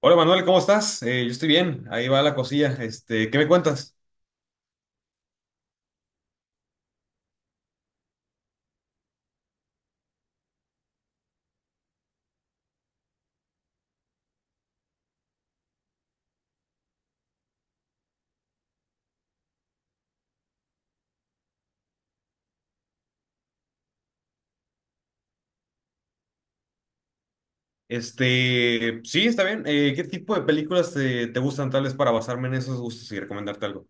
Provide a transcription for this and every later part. Hola Manuel, ¿cómo estás? Yo estoy bien, ahí va la cosilla. ¿Qué me cuentas? Sí, está bien. ¿Qué tipo de películas te gustan tal vez para basarme en esos gustos y recomendarte algo?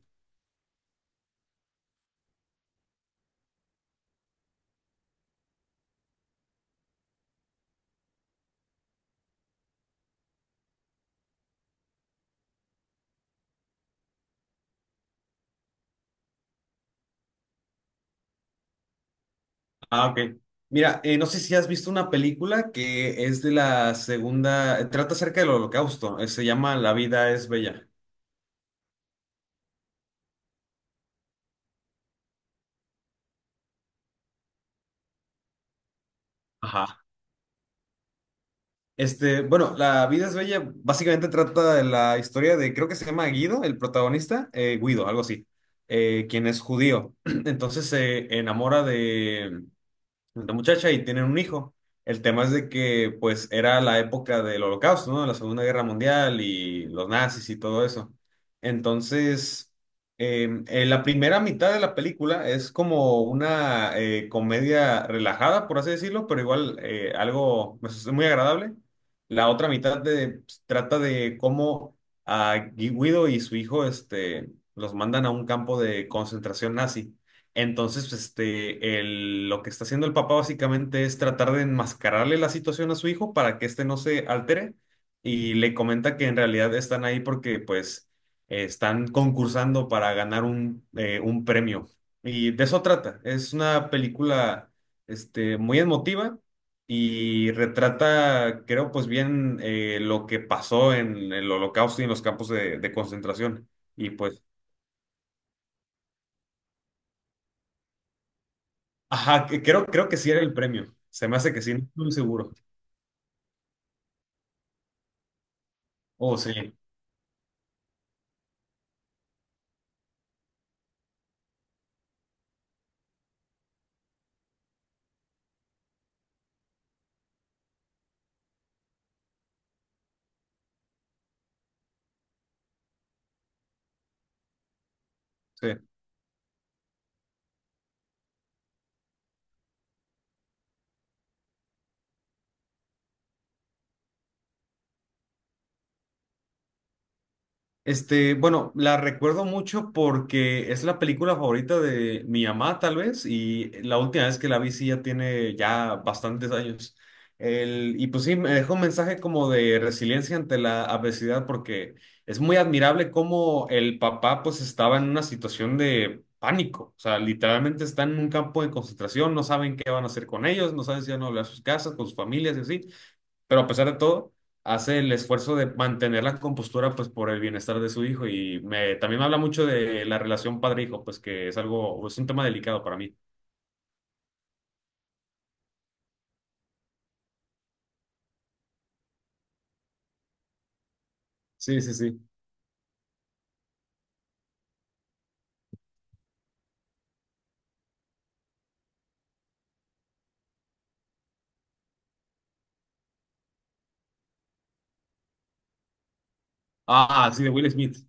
Ah, ok. Mira, no sé si has visto una película que es de la segunda, trata acerca del Holocausto, se llama La vida es bella. Ajá. Bueno, La vida es bella básicamente trata de la historia de, creo que se llama Guido, el protagonista, Guido, algo así, quien es judío. Entonces se enamora de, la muchacha y tienen un hijo. El tema es de que, pues, era la época del Holocausto, ¿no? La Segunda Guerra Mundial y los nazis y todo eso. Entonces, en la primera mitad de la película es como una comedia relajada, por así decirlo, pero igual algo pues, muy agradable. La otra mitad de- Pues, trata de cómo a Guido y su hijo este, los mandan a un campo de concentración nazi. Entonces, pues, este, lo que está haciendo el papá básicamente es tratar de enmascararle la situación a su hijo para que éste no se altere y le comenta que en realidad están ahí porque pues están concursando para ganar un premio. Y de eso trata. Es una película este, muy emotiva y retrata, creo, pues bien lo que pasó en el Holocausto y en los campos de concentración. Y pues ajá, creo, creo que sí era el premio. Se me hace que sí, no estoy muy seguro. Oh, sí, sí. Este, bueno, la recuerdo mucho porque es la película favorita de mi mamá, tal vez, y la última vez que la vi sí ya tiene ya bastantes años. El, y pues sí, me dejó un mensaje como de resiliencia ante la adversidad porque es muy admirable cómo el papá pues estaba en una situación de pánico, o sea, literalmente está en un campo de concentración, no saben qué van a hacer con ellos, no saben si van a volver a sus casas, con sus familias y así. Pero a pesar de todo, hace el esfuerzo de mantener la compostura pues por el bienestar de su hijo y también me habla mucho de la relación padre-hijo, pues que es algo, es un tema delicado para mí. Sí, sí, sí. Ah, sí, de Will Smith.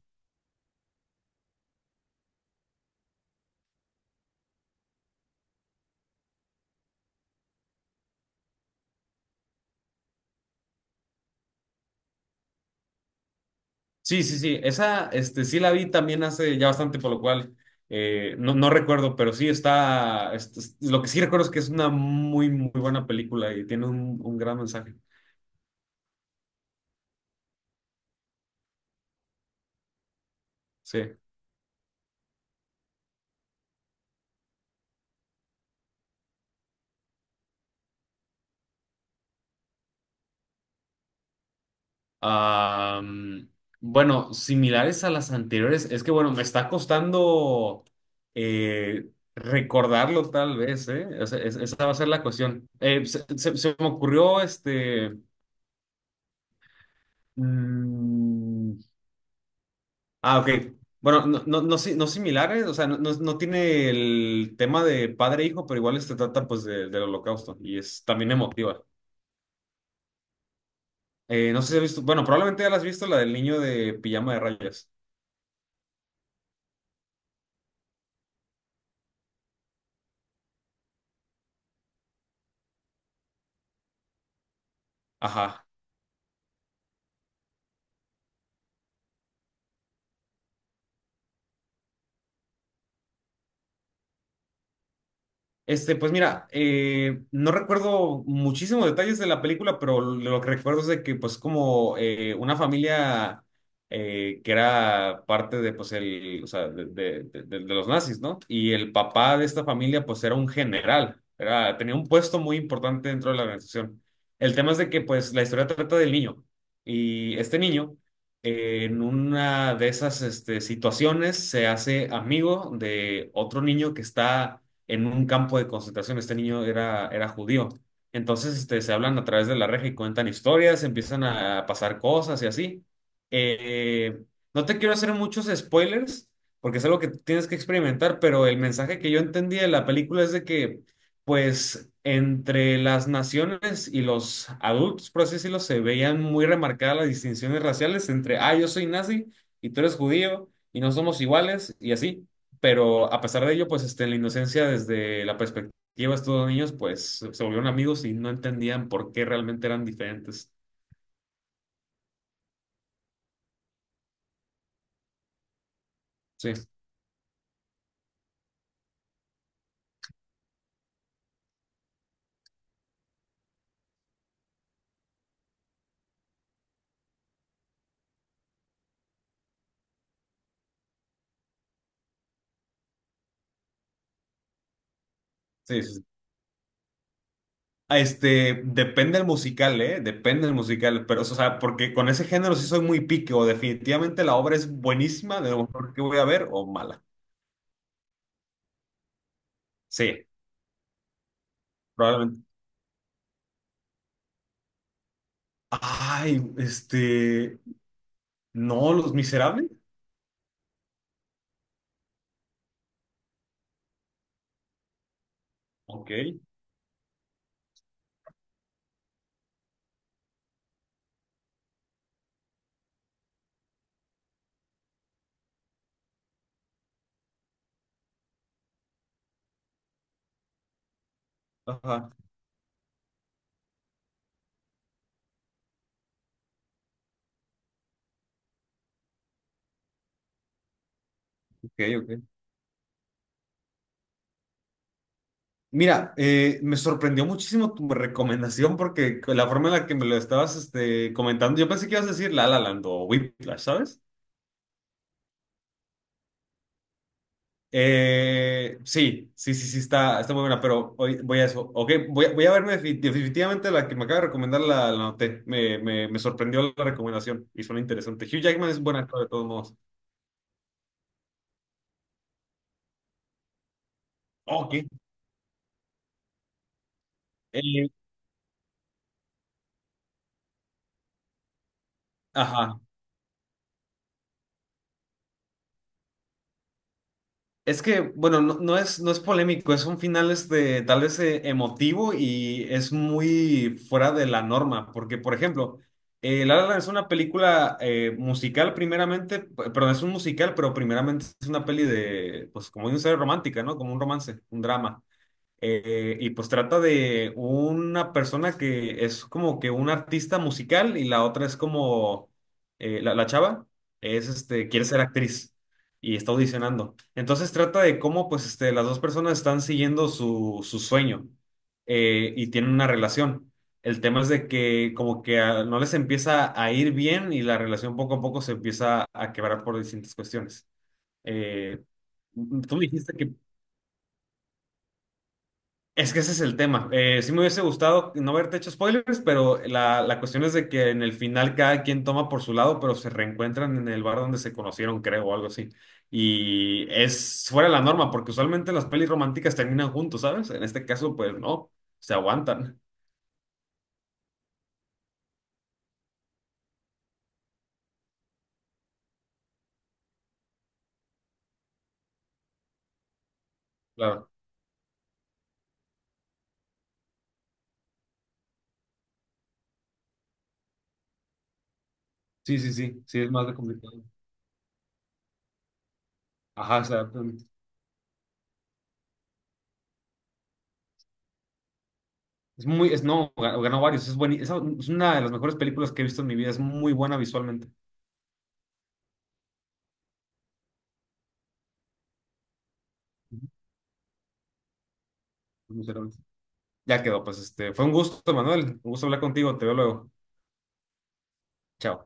Sí, sí, sí. Esa, este, sí la vi también hace ya bastante, por lo cual no, no recuerdo, pero sí está, lo que sí recuerdo es que es una muy, muy buena película y tiene un gran mensaje. Sí. Am, bueno, similares a las anteriores, es que bueno, me está costando eh, recordarlo tal vez, ¿eh? O sea, esa va a ser la cuestión. Se me ocurrió este... mm, ah, ok. Bueno, no, no, no, no similares, o sea, no tiene el tema de padre e hijo, pero igual se trata pues del holocausto y es también emotiva. No sé si has visto, bueno, probablemente ya la has visto, la del niño de pijama de rayas. Ajá. Este, pues mira, no recuerdo muchísimos detalles de la película, pero lo que recuerdo es de que, pues, como una familia que era parte de, pues, el, o sea, de los nazis, ¿no? Y el papá de esta familia, pues, era un general, era, tenía un puesto muy importante dentro de la organización. El tema es de que, pues, la historia trata del niño. Y este niño, en una de esas, este, situaciones, se hace amigo de otro niño que está en un campo de concentración. Este niño era, era judío. Entonces, este, se hablan a través de la reja y cuentan historias, empiezan a pasar cosas y así. Eh, no te quiero hacer muchos spoilers, porque es algo que tienes que experimentar, pero el mensaje que yo entendí de la película es de que, pues, entre las naciones y los adultos, por así decirlo, se veían muy remarcadas las distinciones raciales entre, ah, yo soy nazi y tú eres judío y no somos iguales y así. Pero a pesar de ello, pues este, en la inocencia, desde la perspectiva de estos dos niños, pues se volvieron amigos y no entendían por qué realmente eran diferentes. Sí, sí, sí. Sí. Ah, este, depende el musical, ¿eh? Depende el musical, pero, o sea, porque con ese género sí soy muy pique, o definitivamente la obra es buenísima, de lo mejor que voy a ver, o mala. Sí, probablemente. Ay, este, no, Los Miserables. Ok, ajá, ok, ok. Mira, me sorprendió muchísimo tu recomendación porque con la forma en la que me lo estabas este, comentando, yo pensé que ibas a decir La La Land o Whiplash, ¿sabes? Sí, sí, sí, sí, está, está muy buena, pero hoy voy a eso. Ok, voy a verme definitivamente la que me acaba de recomendar, la noté. Me sorprendió la recomendación y suena interesante. Hugh Jackman es buen actor de todos modos. Ok. Eh, ajá. Es que, bueno, no, no es, no es polémico, es un final este, tal vez emotivo y es muy fuera de la norma, porque, por ejemplo, La La Land es una película musical primeramente, perdón, es un musical, pero primeramente es una peli de, pues como dice, romántica, ¿no? Como un romance, un drama. Y pues trata de una persona que es como que un artista musical y la otra es como la, la chava es este quiere ser actriz y está audicionando. Entonces trata de cómo pues este las dos personas están siguiendo su, su sueño y tienen una relación. El tema es de que como que ah, no les empieza a ir bien y la relación poco a poco se empieza a quebrar por distintas cuestiones. Eh, Tú me dijiste que es que ese es el tema. Sí me hubiese gustado no haberte hecho spoilers, pero la cuestión es de que en el final cada quien toma por su lado, pero se reencuentran en el bar donde se conocieron, creo, o algo así. Y es fuera de la norma, porque usualmente las pelis románticas terminan juntos, ¿sabes? En este caso, pues no, se aguantan. Claro. Sí, sí, sí, sí, es más de complicado. Ajá, o sea, es muy, es no, ga- ganó varios, es buenísimo. Es una de las mejores películas que he visto en mi vida, es muy buena visualmente. Ujú, ya quedó, pues este, fue un gusto, Manuel. Un gusto hablar contigo. Te veo luego. Chao.